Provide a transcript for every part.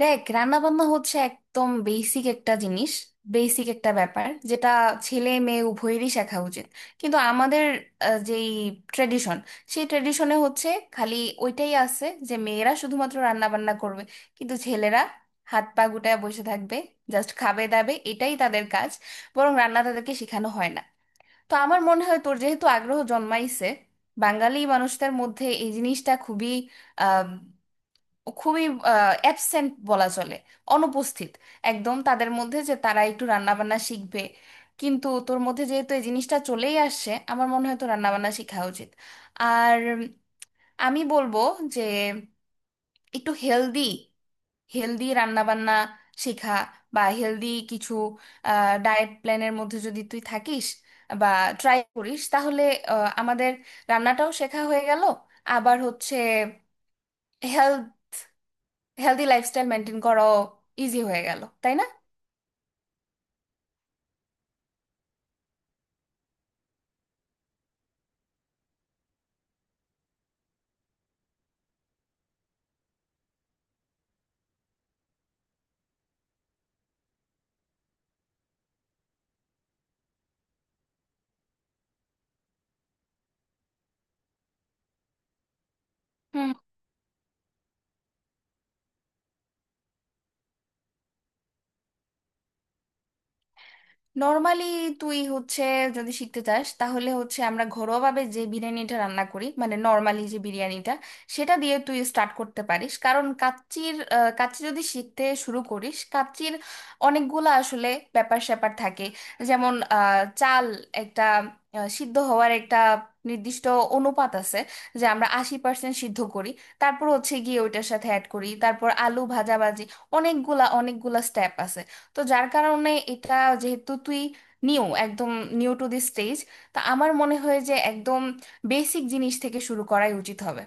দেখ, রান্না বান্না হচ্ছে একদম বেসিক একটা জিনিস। বেসিক একটা ব্যাপার, যেটা ছেলে মেয়ে উভয়েরই শেখা উচিত। কিন্তু আমাদের যেই ট্রেডিশন, সেই ট্রেডিশনে হচ্ছে খালি ওইটাই আছে যে মেয়েরা শুধুমাত্র রান্না বান্না করবে, কিন্তু ছেলেরা হাত পা গুটায় বসে থাকবে, জাস্ট খাবে দাবে, এটাই তাদের কাজ। বরং রান্না তাদেরকে শেখানো হয় না। তো আমার মনে হয়, তোর যেহেতু আগ্রহ জন্মাইছে, বাঙালি মানুষদের মধ্যে এই জিনিসটা খুবই খুবই অ্যাবসেন্ট বলা চলে, অনুপস্থিত একদম তাদের মধ্যে, যে তারা একটু রান্নাবান্না শিখবে। কিন্তু তোর মধ্যে যেহেতু এই জিনিসটা চলেই আসছে, আমার মনে হয় তো রান্নাবান্না শেখা উচিত। আর আমি বলবো যে একটু হেলদি হেলদি রান্নাবান্না শেখা, বা হেলদি কিছু ডায়েট প্ল্যানের মধ্যে যদি তুই থাকিস বা ট্রাই করিস, তাহলে আমাদের রান্নাটাও শেখা হয়ে গেল, আবার হচ্ছে হেলথ হেলদি লাইফস্টাইল মেনটেন করাও ইজি হয়ে গেল, তাই না? হুম। নর্মালি তুই হচ্ছে, যদি শিখতে চাস, তাহলে হচ্ছে আমরা ঘরোয়াভাবে যে বিরিয়ানিটা রান্না করি, মানে নর্মালি যে বিরিয়ানিটা, সেটা দিয়ে তুই স্টার্ট করতে পারিস। কারণ কাচ্চি যদি শিখতে শুরু করিস, কাচ্চির অনেকগুলা আসলে ব্যাপার স্যাপার থাকে। যেমন চাল একটা সিদ্ধ হওয়ার একটা নির্দিষ্ট অনুপাত আছে, যে আমরা 80% সিদ্ধ করি, তারপর হচ্ছে গিয়ে ওইটার সাথে অ্যাড করি, তারপর আলু ভাজাভাজি। অনেকগুলা অনেকগুলা স্টেপ আছে। তো যার কারণে এটা, যেহেতু তুই একদম নিউ টু দিস স্টেজ, তা আমার মনে হয় যে একদম বেসিক জিনিস থেকে শুরু করাই উচিত হবে।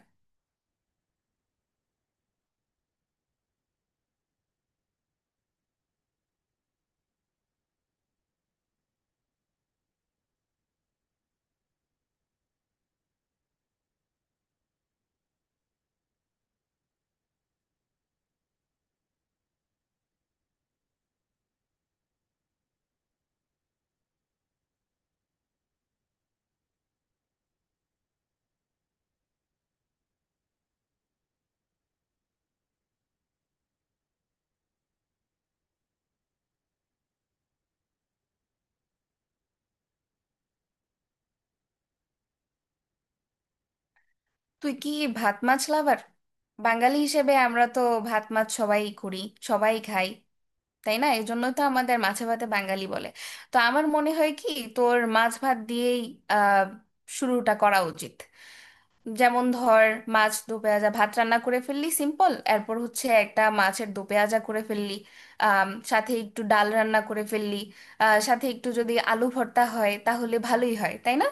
তুই কি ভাত মাছ লাভার? বাঙালি হিসেবে আমরা তো ভাত মাছ সবাই করি, সবাই খাই, তাই না? এই জন্যই তো আমাদের মাছে ভাতে বাঙালি বলে। তো আমার মনে হয় কি, তোর মাছ ভাত দিয়েই আহ শুরুটা করা উচিত। যেমন ধর, মাছ দো পেঁয়াজা ভাত রান্না করে ফেললি, সিম্পল। এরপর হচ্ছে একটা মাছের দো পেঁয়াজা করে ফেললি, সাথে একটু ডাল রান্না করে ফেললি, সাথে একটু যদি আলু ভর্তা হয় তাহলে ভালোই হয়, তাই না?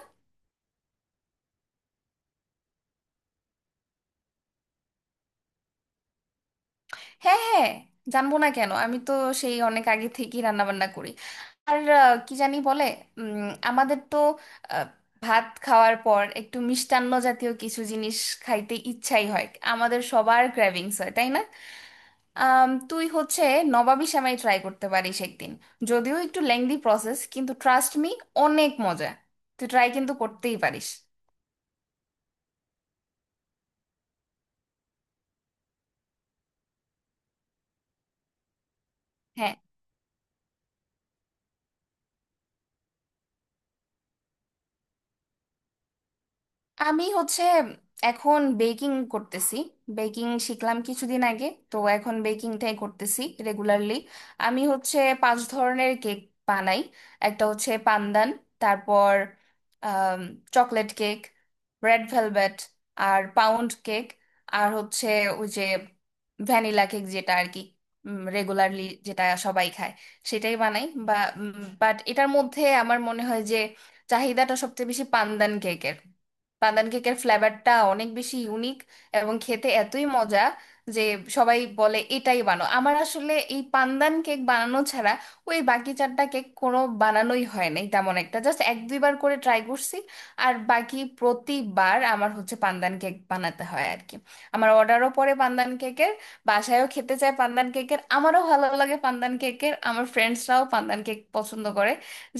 হ্যাঁ হ্যাঁ, জানবো না কেন, আমি তো সেই অনেক আগে থেকেই রান্না বান্না করি। আর কি জানি বলে, আমাদের তো আহ, ভাত খাওয়ার পর একটু মিষ্টান্ন জাতীয় কিছু জিনিস খাইতে ইচ্ছাই হয়, আমাদের সবার ক্র্যাভিংস হয়, তাই না? তুই হচ্ছে নবাবী সেমাই ট্রাই করতে পারিস একদিন। যদিও একটু লেংদি প্রসেস, কিন্তু ট্রাস্ট মি, অনেক মজা। তুই ট্রাই কিন্তু করতেই পারিস। হ্যাঁ। আমি হচ্ছে এখন বেকিং করতেছি। বেকিং শিখলাম কিছুদিন আগে, তো এখন বেকিংটাই করতেছি রেগুলারলি। আমি হচ্ছে পাঁচ ধরনের কেক বানাই। একটা হচ্ছে পান্দান, তারপর চকলেট কেক, রেড ভেলভেট, আর পাউন্ড কেক, আর হচ্ছে ওই যে ভ্যানিলা কেক, যেটা আর কি রেগুলারলি যেটা সবাই খায়, সেটাই বানাই। বাট এটার মধ্যে আমার মনে হয় যে চাহিদাটা সবচেয়ে বেশি পান্দান কেকের। বাদাম কেকের ফ্লেভারটা অনেক বেশি ইউনিক এবং খেতে এতই মজা যে সবাই বলে এটাই বানাও। আমার আসলে এই পান্দান কেক বানানো ছাড়া ওই বাকি চারটা কেক কোনো বানানোই হয় নাই তেমন একটা, জাস্ট এক দুইবার করে ট্রাই করছি। আর বাকি প্রতিবার আমার হচ্ছে পান্দান কেক বানাতে হয় আর কি। আমার অর্ডারও পরে পান্দান কেকের, বাসায়ও খেতে চায় পান্দান কেকের, আমারও ভালো লাগে পান্দান কেকের, আমার ফ্রেন্ডসরাও পান্দান কেক পছন্দ করে।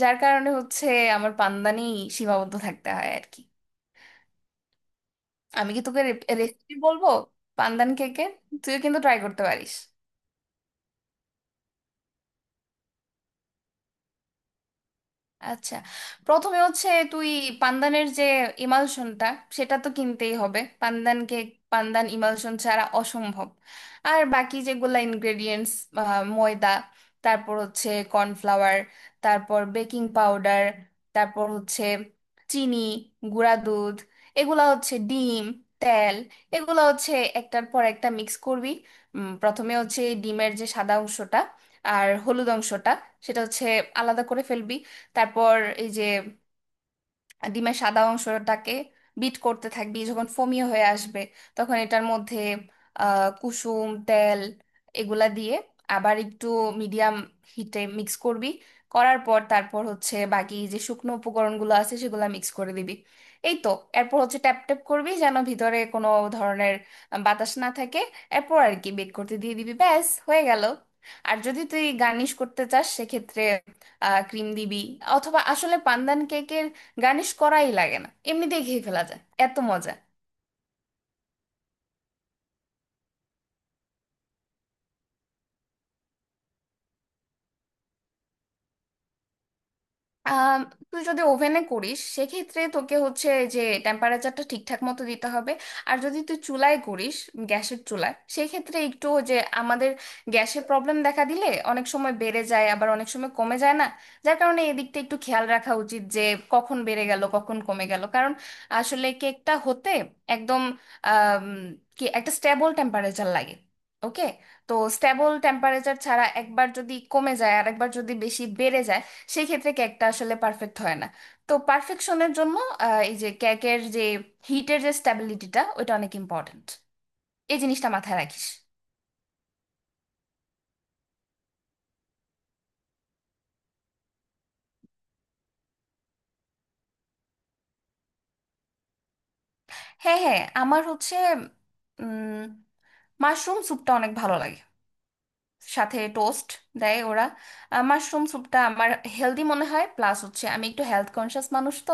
যার কারণে হচ্ছে আমার পান্দানেই সীমাবদ্ধ থাকতে হয় আর কি। আমি কি তোকে রেসিপি বলবো পান্দান কেকের? তুইও কিন্তু ট্রাই করতে পারিস। আচ্ছা, প্রথমে হচ্ছে তুই পানদানের যে ইমালশনটা, সেটা তো কিনতেই হবে। পানদানকে, পানদান ইমালশন ছাড়া অসম্ভব। আর বাকি যেগুলা ইনগ্রেডিয়েন্টস, ময়দা, তারপর হচ্ছে কর্নফ্লাওয়ার, তারপর বেকিং পাউডার, তারপর হচ্ছে চিনি, গুঁড়া দুধ, এগুলা হচ্ছে। ডিম, তেল, এগুলা হচ্ছে একটার পর একটা মিক্স করবি। প্রথমে হচ্ছে এই ডিমের যে সাদা অংশটা আর হলুদ অংশটা, সেটা হচ্ছে আলাদা করে ফেলবি। তারপর এই যে ডিমের সাদা অংশটাকে বিট করতে থাকবি, যখন ফোমিয়ে হয়ে আসবে, তখন এটার মধ্যে কুসুম তেল এগুলা দিয়ে আবার একটু মিডিয়াম হিটে মিক্স করবি। করার পর তারপর হচ্ছে বাকি যে শুকনো উপকরণগুলো আছে, সেগুলো মিক্স করে দিবি। এই তো। এরপর হচ্ছে ট্যাপ ট্যাপ করবি, যেন ভিতরে কোনো ধরনের বাতাস না থাকে। এরপর আর কি বেক করতে দিয়ে দিবি, ব্যাস হয়ে গেল। আর যদি তুই গার্নিশ করতে চাস, সেক্ষেত্রে ক্রিম দিবি। অথবা আসলে পান্দান কেকের গার্নিশ করাই লাগে না, এমনিতেই খেয়ে ফেলা যায়, এত মজা। আম, তুই যদি ওভেনে করিস, সেক্ষেত্রে তোকে হচ্ছে যে টেম্পারেচারটা ঠিকঠাক মতো দিতে হবে। আর যদি তুই চুলায় করিস, গ্যাসের চুলায়, সেক্ষেত্রে একটু, যে আমাদের গ্যাসের প্রবলেম দেখা দিলে অনেক সময় বেড়ে যায়, আবার অনেক সময় কমে যায় না, যার কারণে এদিকটা একটু খেয়াল রাখা উচিত। যে কখন বেড়ে গেল, কখন কমে গেল, কারণ আসলে কেকটা হতে একদম আম, কি একটা স্টেবল টেম্পারেচার লাগে। ওকে, তো স্টেবল টেম্পারেচার ছাড়া একবার যদি কমে যায়, আর একবার যদি বেশি বেড়ে যায়, সেই ক্ষেত্রে কেকটা আসলে পারফেক্ট হয় না। তো পারফেকশনের জন্য, এই যে কেকের যে হিটের যে স্ট্যাবিলিটিটা, ওইটা অনেক ইম্পর্ট্যান্ট, এই জিনিসটা মাথায় রাখিস। হ্যাঁ হ্যাঁ, আমার হচ্ছে মাশরুম স্যুপটা অনেক ভালো লাগে। সাথে টোস্ট দেয় ওরা। মাশরুম স্যুপটা আমার হেলদি মনে হয়, প্লাস হচ্ছে আমি একটু হেলথ কনসিয়াস মানুষ তো,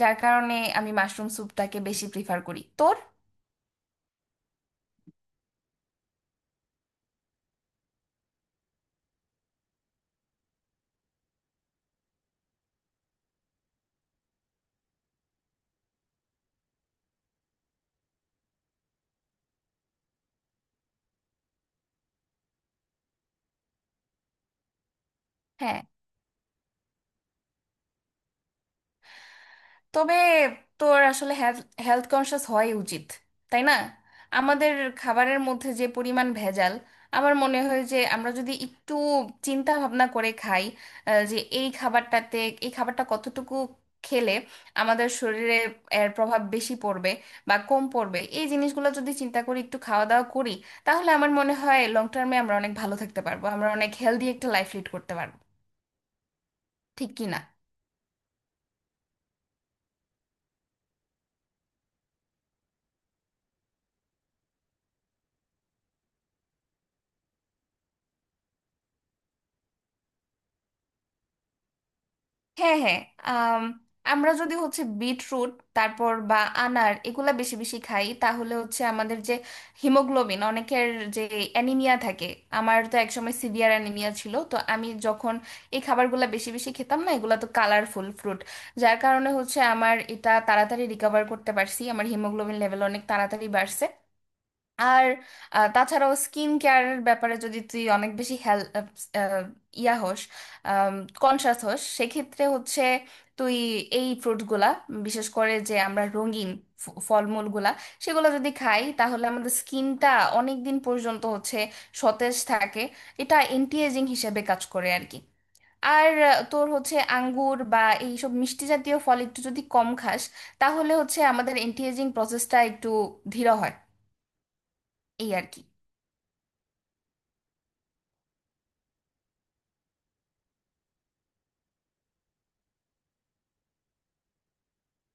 যার কারণে আমি মাশরুম স্যুপটাকে বেশি প্রিফার করি তোর। হ্যাঁ। তবে তোর আসলে হেলথ কনসিয়াস হওয়াই উচিত, তাই না? আমাদের খাবারের মধ্যে যে পরিমাণ ভেজাল, আমার মনে হয় যে আমরা যদি একটু চিন্তা ভাবনা করে খাই, যে এই খাবারটাতে, এই খাবারটা কতটুকু খেলে আমাদের শরীরে এর প্রভাব বেশি পড়বে বা কম পড়বে, এই জিনিসগুলো যদি চিন্তা করি, একটু খাওয়া দাওয়া করি, তাহলে আমার মনে হয় লং টার্মে আমরা অনেক ভালো থাকতে পারবো, আমরা অনেক হেলদি একটা লাইফ লিড করতে পারবো। ঠিক কি না? হ্যাঁ হ্যাঁ আম, আমরা যদি হচ্ছে বিটরুট, তারপর বা আনার, এগুলা বেশি বেশি খাই, তাহলে হচ্ছে আমাদের যে হিমোগ্লোবিন, অনেকের যে অ্যানিমিয়া থাকে, আমার তো একসময় সিভিয়ার অ্যানিমিয়া ছিল, তো আমি যখন এই খাবারগুলা বেশি বেশি খেতাম না, এগুলা তো কালারফুল ফ্রুট, যার কারণে হচ্ছে আমার এটা তাড়াতাড়ি রিকভার করতে পারছি, আমার হিমোগ্লোবিন লেভেল অনেক তাড়াতাড়ি বাড়ছে। আর তাছাড়াও স্কিন কেয়ারের ব্যাপারে যদি তুই অনেক বেশি হেল আহ, আহ, ইয়া হোস, কনসাস হোস, সেক্ষেত্রে হচ্ছে তুই এই ফ্রুটগুলা, বিশেষ করে যে আমরা রঙিন ফলমূলগুলা, সেগুলো যদি খাই, তাহলে আমাদের স্কিনটা অনেক দিন পর্যন্ত হচ্ছে সতেজ থাকে। এটা অ্যান্টি এজিং হিসেবে কাজ করে আর কি। আর তোর হচ্ছে আঙ্গুর বা এইসব মিষ্টি জাতীয় ফল একটু যদি কম খাস, তাহলে হচ্ছে আমাদের অ্যান্টি এজিং প্রসেসটা একটু ধীর হয়, এই আর কি।